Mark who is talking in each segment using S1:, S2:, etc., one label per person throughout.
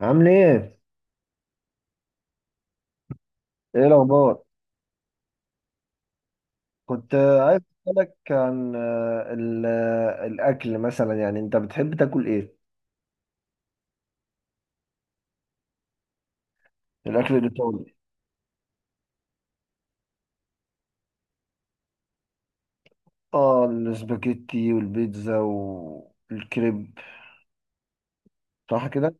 S1: عامل ايه؟ ايه الاخبار؟ كنت عايز اسالك عن الاكل مثلا، يعني انت بتحب تاكل ايه؟ الاكل الايطالي. اه، الاسباجيتي والبيتزا والكريب، صح كده؟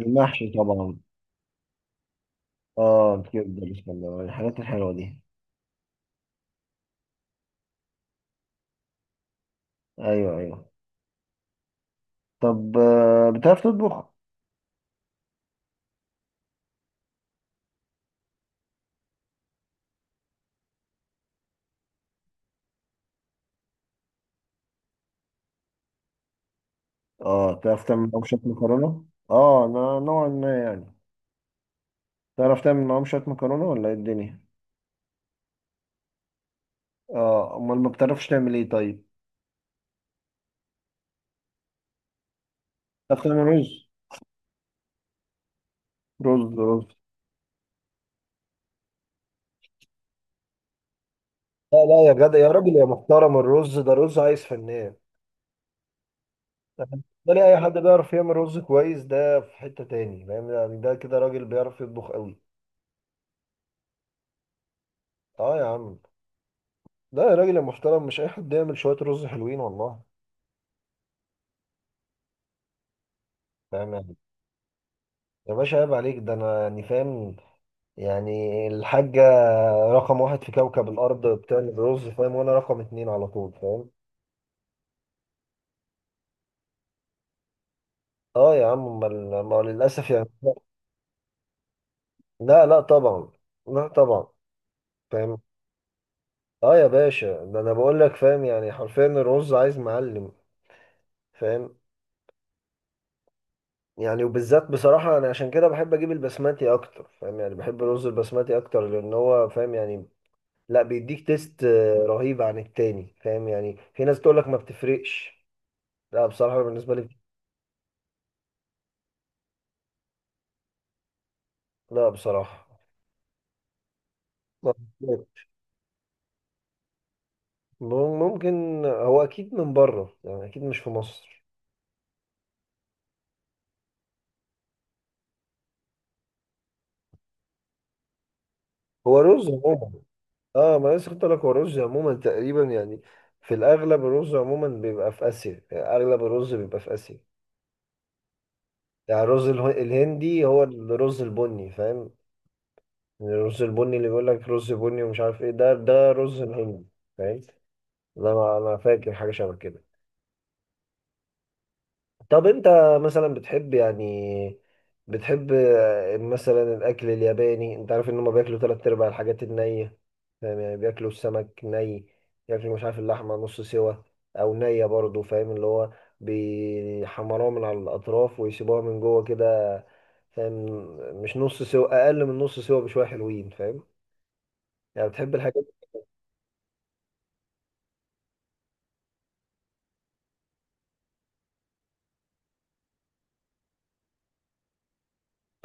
S1: المحشي طبعا. اه، الكبده، بسم الله، الحاجات الحلوه دي. ايوه، ايوه. طب بتعرف تطبخ؟ اه، بتعرف تعمل معاهم شويه مكرونه؟ اه، نوعا ما يعني. تعرف تعمل معاهم شويه مكرونه ولا ايه الدنيا؟ اه امال ما بتعرفش تعمل ايه طيب؟ بتعرف تعمل رز؟ رز رز. لا لا يا جدع، يا راجل يا محترم، الرز ده رز عايز فنان. أنا بالنسبة لي أي حد بيعرف يعمل رز كويس ده في حتة تاني، فاهم يعني؟ ده كده راجل بيعرف يطبخ قوي. أه يا عم، ده يا راجل يا محترم مش أي حد يعمل شوية رز حلوين والله. فاهم يعني؟ يا باشا عيب عليك، ده أنا يعني فاهم يعني الحاجة رقم واحد في كوكب الأرض بتعمل رز، فاهم؟ وأنا رقم اتنين على طول، فاهم؟ أه يا عم، أمال ما للأسف يعني. لا لا طبعا، لا طبعا، فاهم. اه يا باشا، ده انا بقول لك، فاهم يعني، حرفيا الرز عايز معلم. فاهم يعني، وبالذات بصراحة انا عشان كده بحب اجيب البسماتي اكتر، فاهم يعني، بحب الرز البسماتي اكتر، لان هو فاهم يعني، لا، بيديك تيست رهيب عن التاني، فاهم يعني؟ في ناس تقول لك ما بتفرقش، لا بصراحة بالنسبة لي. لا بصراحة، ممكن هو اكيد من بره يعني، اكيد مش في مصر. هو رز عموما. اه، ما أنا لسه كنت أقول لك هو الرز عموما تقريبا يعني، في الاغلب الرز عموما بيبقى في اسيا، يعني اغلب الرز بيبقى في اسيا. يعني الرز الهندي، هو الرز البني، فاهم؟ يعني الرز البني اللي بيقول لك رز بني ومش عارف ايه ده، ده رز الهندي. فاهم؟ انا فاكر حاجه شبه كده. طب انت مثلا بتحب يعني، بتحب مثلا الاكل الياباني، انت عارف ان هم بياكلوا تلات ارباع الحاجات النية؟ فاهم يعني، بياكلوا السمك ني، ياكلوا مش عارف اللحمة نص سوا او نية برضو، فاهم؟ اللي هو بيحمروها من على الاطراف ويسيبوها من جوه كده، فاهم؟ مش نص سوا، اقل من نص سوا بشوية حلوين، فاهم؟ يعني بتحب الحاجات.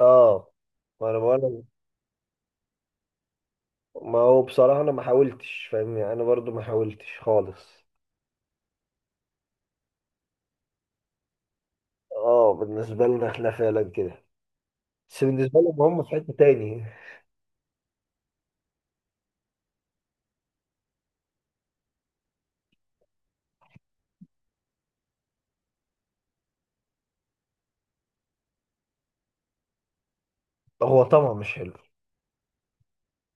S1: اه، ما انا بقول، ما هو بصراحة انا ما حاولتش، فاهم يعني، انا برضو ما حاولتش خالص. اه بالنسبة لنا احنا فعلا كده، بس بالنسبة لهم هم في حتة تاني. هو طبعا مش حلو.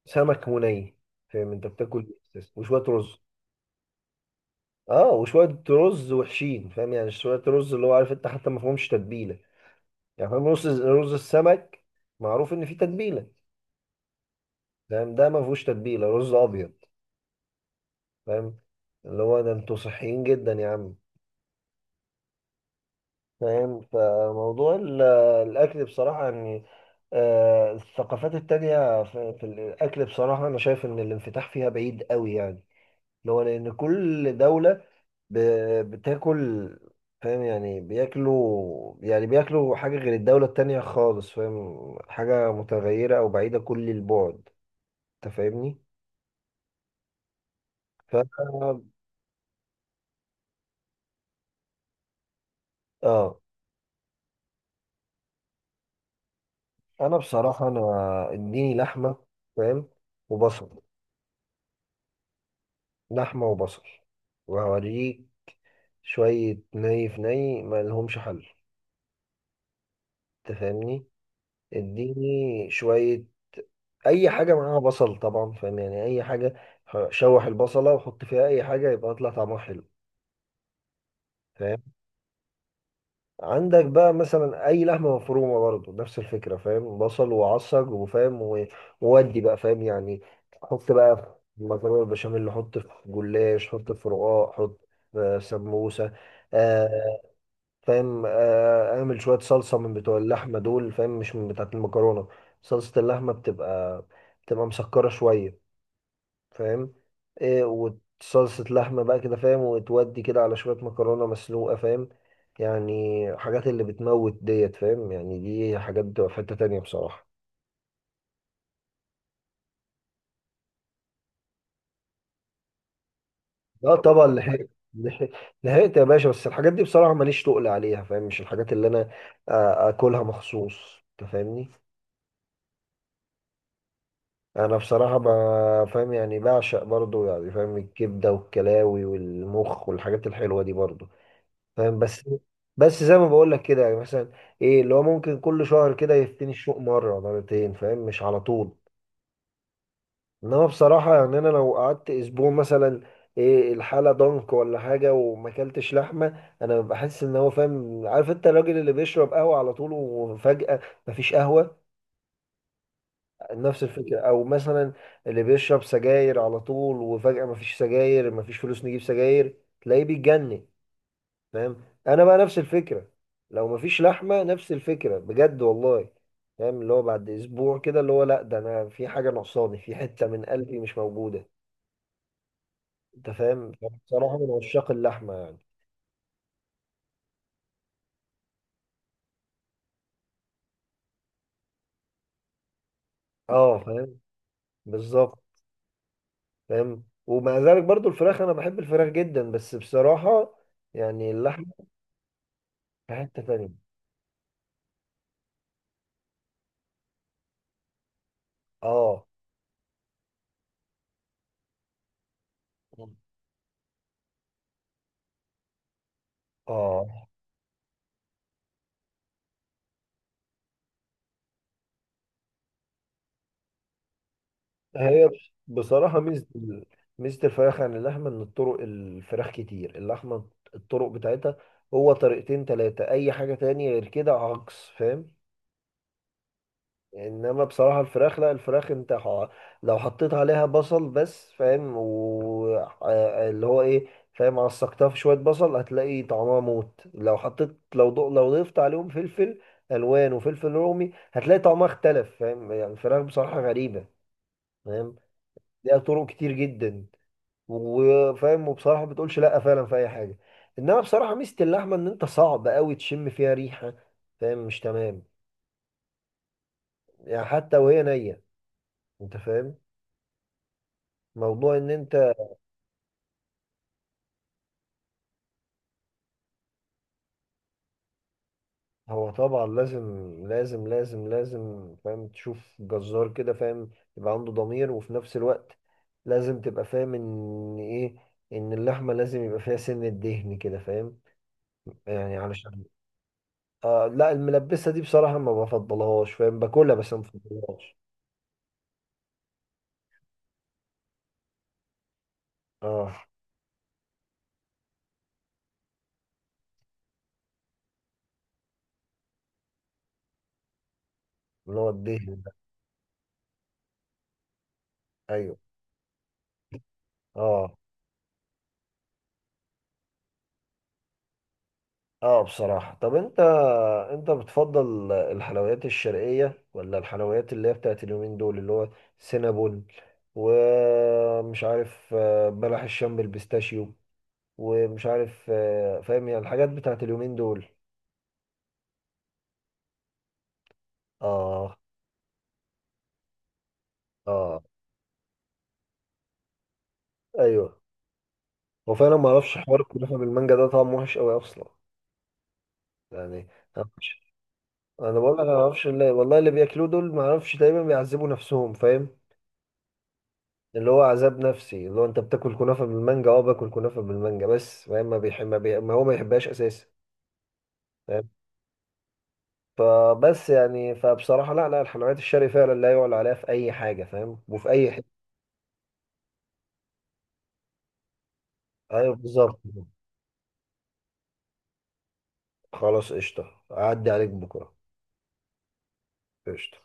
S1: سمك مني، فاهم؟ انت بتاكل إيه؟ وشوية رز. اه، وشوية رز وحشين، فاهم يعني، شوية رز اللي هو، عارف انت، حتى ما فيهمش تتبيلة، يعني، فاهم؟ رز رز السمك معروف ان فيه تتبيلة، فاهم؟ ده ما فيهوش تتبيلة، رز ابيض، فاهم؟ اللي هو ده انتوا صحيين جدا يا عم، فاهم. فموضوع الأكل بصراحة يعني، الثقافات التانية في الأكل بصراحة، أنا شايف إن الانفتاح فيها بعيد قوي يعني، اللي هو، لأن كل دولة بتاكل، فاهم يعني؟ بياكلوا، يعني بياكلوا حاجة غير الدولة التانية خالص، فاهم؟ حاجة متغيرة أو بعيدة كل البعد. أنت فاهمني؟ ف آه. أنا بصراحة، أنا إديني لحمة، فاهم، وبصل. لحمة وبصل وهوريك، شوية ني في ني، ما لهمش حل، تفهمني؟ اديني شوية، اي حاجة معاها بصل طبعا، فاهم يعني، اي حاجة. شوح البصلة وحط فيها اي حاجة يبقى يطلع طعمها حلو، فاهم؟ عندك بقى مثلا اي لحمة مفرومة، برضه نفس الفكرة، فاهم، بصل وعصج وفاهم وودي بقى، فاهم يعني. حط بقى في مكرونة البشاميل، حط في جلاش، حط في رقاق، حط في سموسة، فاهم؟ اعمل شويه صلصه من بتوع اللحمه دول، فاهم، مش من بتاعه المكرونه. صلصه اللحمه بتبقى مسكره شويه، فاهم؟ ايه، وصلصه لحمه بقى كده، فاهم، وتودي كده على شويه مكرونه مسلوقه، فاهم يعني؟ حاجات اللي بتموت ديت، فاهم يعني، دي حاجات بتبقى في حته تانيه بصراحه. لا طبعا، لحقت، لحقت، لحقت يا باشا، بس الحاجات دي بصراحه ماليش تقل عليها، فاهم، مش الحاجات اللي انا اكلها مخصوص، انت فاهمني؟ انا بصراحه فاهم يعني بعشق برضو، يعني فاهم، الكبده والكلاوي والمخ والحاجات الحلوه دي برضو، فاهم؟ بس، بس زي ما بقول لك كده يعني، مثلا ايه اللي هو ممكن كل شهر كده يفتني الشوق مره مرتين، فاهم، مش على طول. انما بصراحه يعني انا لو قعدت اسبوع مثلا، ايه الحاله ضنك ولا حاجه وما اكلتش لحمه، انا بحس ان هو، فاهم، عارف انت الراجل اللي بيشرب قهوه على طول وفجاه مفيش قهوه؟ نفس الفكرة. او مثلا اللي بيشرب سجاير على طول وفجأة مفيش سجاير، مفيش فلوس نجيب سجاير، تلاقيه بيتجنن، فاهم؟ انا بقى نفس الفكرة، لو مفيش لحمة نفس الفكرة بجد والله، فاهم؟ اللي هو بعد اسبوع كده، اللي هو لا، ده انا في حاجة ناقصاني، في حتة من قلبي مش موجودة. انت فاهم؟ بصراحة من عشاق اللحمة يعني. اه فاهم، بالظبط، فاهم. ومع ذلك برضو الفراخ، انا بحب الفراخ جدا، بس بصراحة يعني اللحمة في حتة تانية. اه، اه، هي بصراحة، ميزة ميزة الفراخ عن اللحمة إن الطرق، الفراخ كتير. اللحمة الطرق بتاعتها هو طريقتين تلاتة، أي حاجة تانية غير كده عكس، فاهم؟ إنما بصراحة الفراخ لا، الفراخ أنت لو حطيت عليها بصل بس، فاهم، و اللي هو إيه، فاهم، عصقتها في شوية بصل هتلاقي طعمها موت. لو حطيت، لو لو ضفت عليهم فلفل ألوان وفلفل رومي هتلاقي طعمها اختلف، فاهم يعني؟ الفراخ بصراحة غريبة، فاهم، ليها طرق كتير جدا وفاهم. وبصراحه ما بتقولش لا فعلا في اي حاجه، انما بصراحه ميزه اللحمه ان انت صعب قوي تشم فيها ريحه، فاهم؟ مش تمام؟ يعني حتى وهي نيه، انت فاهم موضوع ان انت؟ هو طبعا لازم، لازم فاهم، تشوف جزار كده، فاهم، يبقى عنده ضمير، وفي نفس الوقت لازم تبقى فاهم ان ايه، ان اللحمه لازم يبقى فيها سنه دهن كده، فاهم؟ يعني علشان. آه لا، الملبسه دي بصراحه ما بفضلهاش، فاهم، باكلها بس ما بفضلهاش. اه، اللي هو الدهن ده. ايوه. اه. اه بصراحة، طب انت، انت بتفضل الحلويات الشرقية ولا الحلويات اللي هي بتاعت اليومين دول، اللي هو سينابون ومش عارف بلح الشام بالبيستاشيو ومش عارف فاهم يعني الحاجات بتاعت اليومين دول؟ اه. اه. ايوه. هو فعلا ما اعرفش حوار الكنافة بالمانجا ده، طعمه وحش قوي اصلا يعني. أنا معرفش- انا بقول لك، انا ما اعرفش اللي، والله اللي بياكلوه دول ما اعرفش، تقريبا بيعذبوا نفسهم، فاهم؟ اللي هو عذاب نفسي، اللي هو انت بتاكل كنافه بالمانجا، اه باكل كنافه بالمانجا بس فاهم ما بيحب ما هو ما يحبهاش اساسا، فاهم؟ فبس يعني، فبصراحه لا لا، الحلويات الشرقي فعلا لا يعلى عليها في اي حاجه، فاهم، وفي اي حته. ايوه بالظبط. خلاص قشطه، اعدي عليك بكره. قشطه.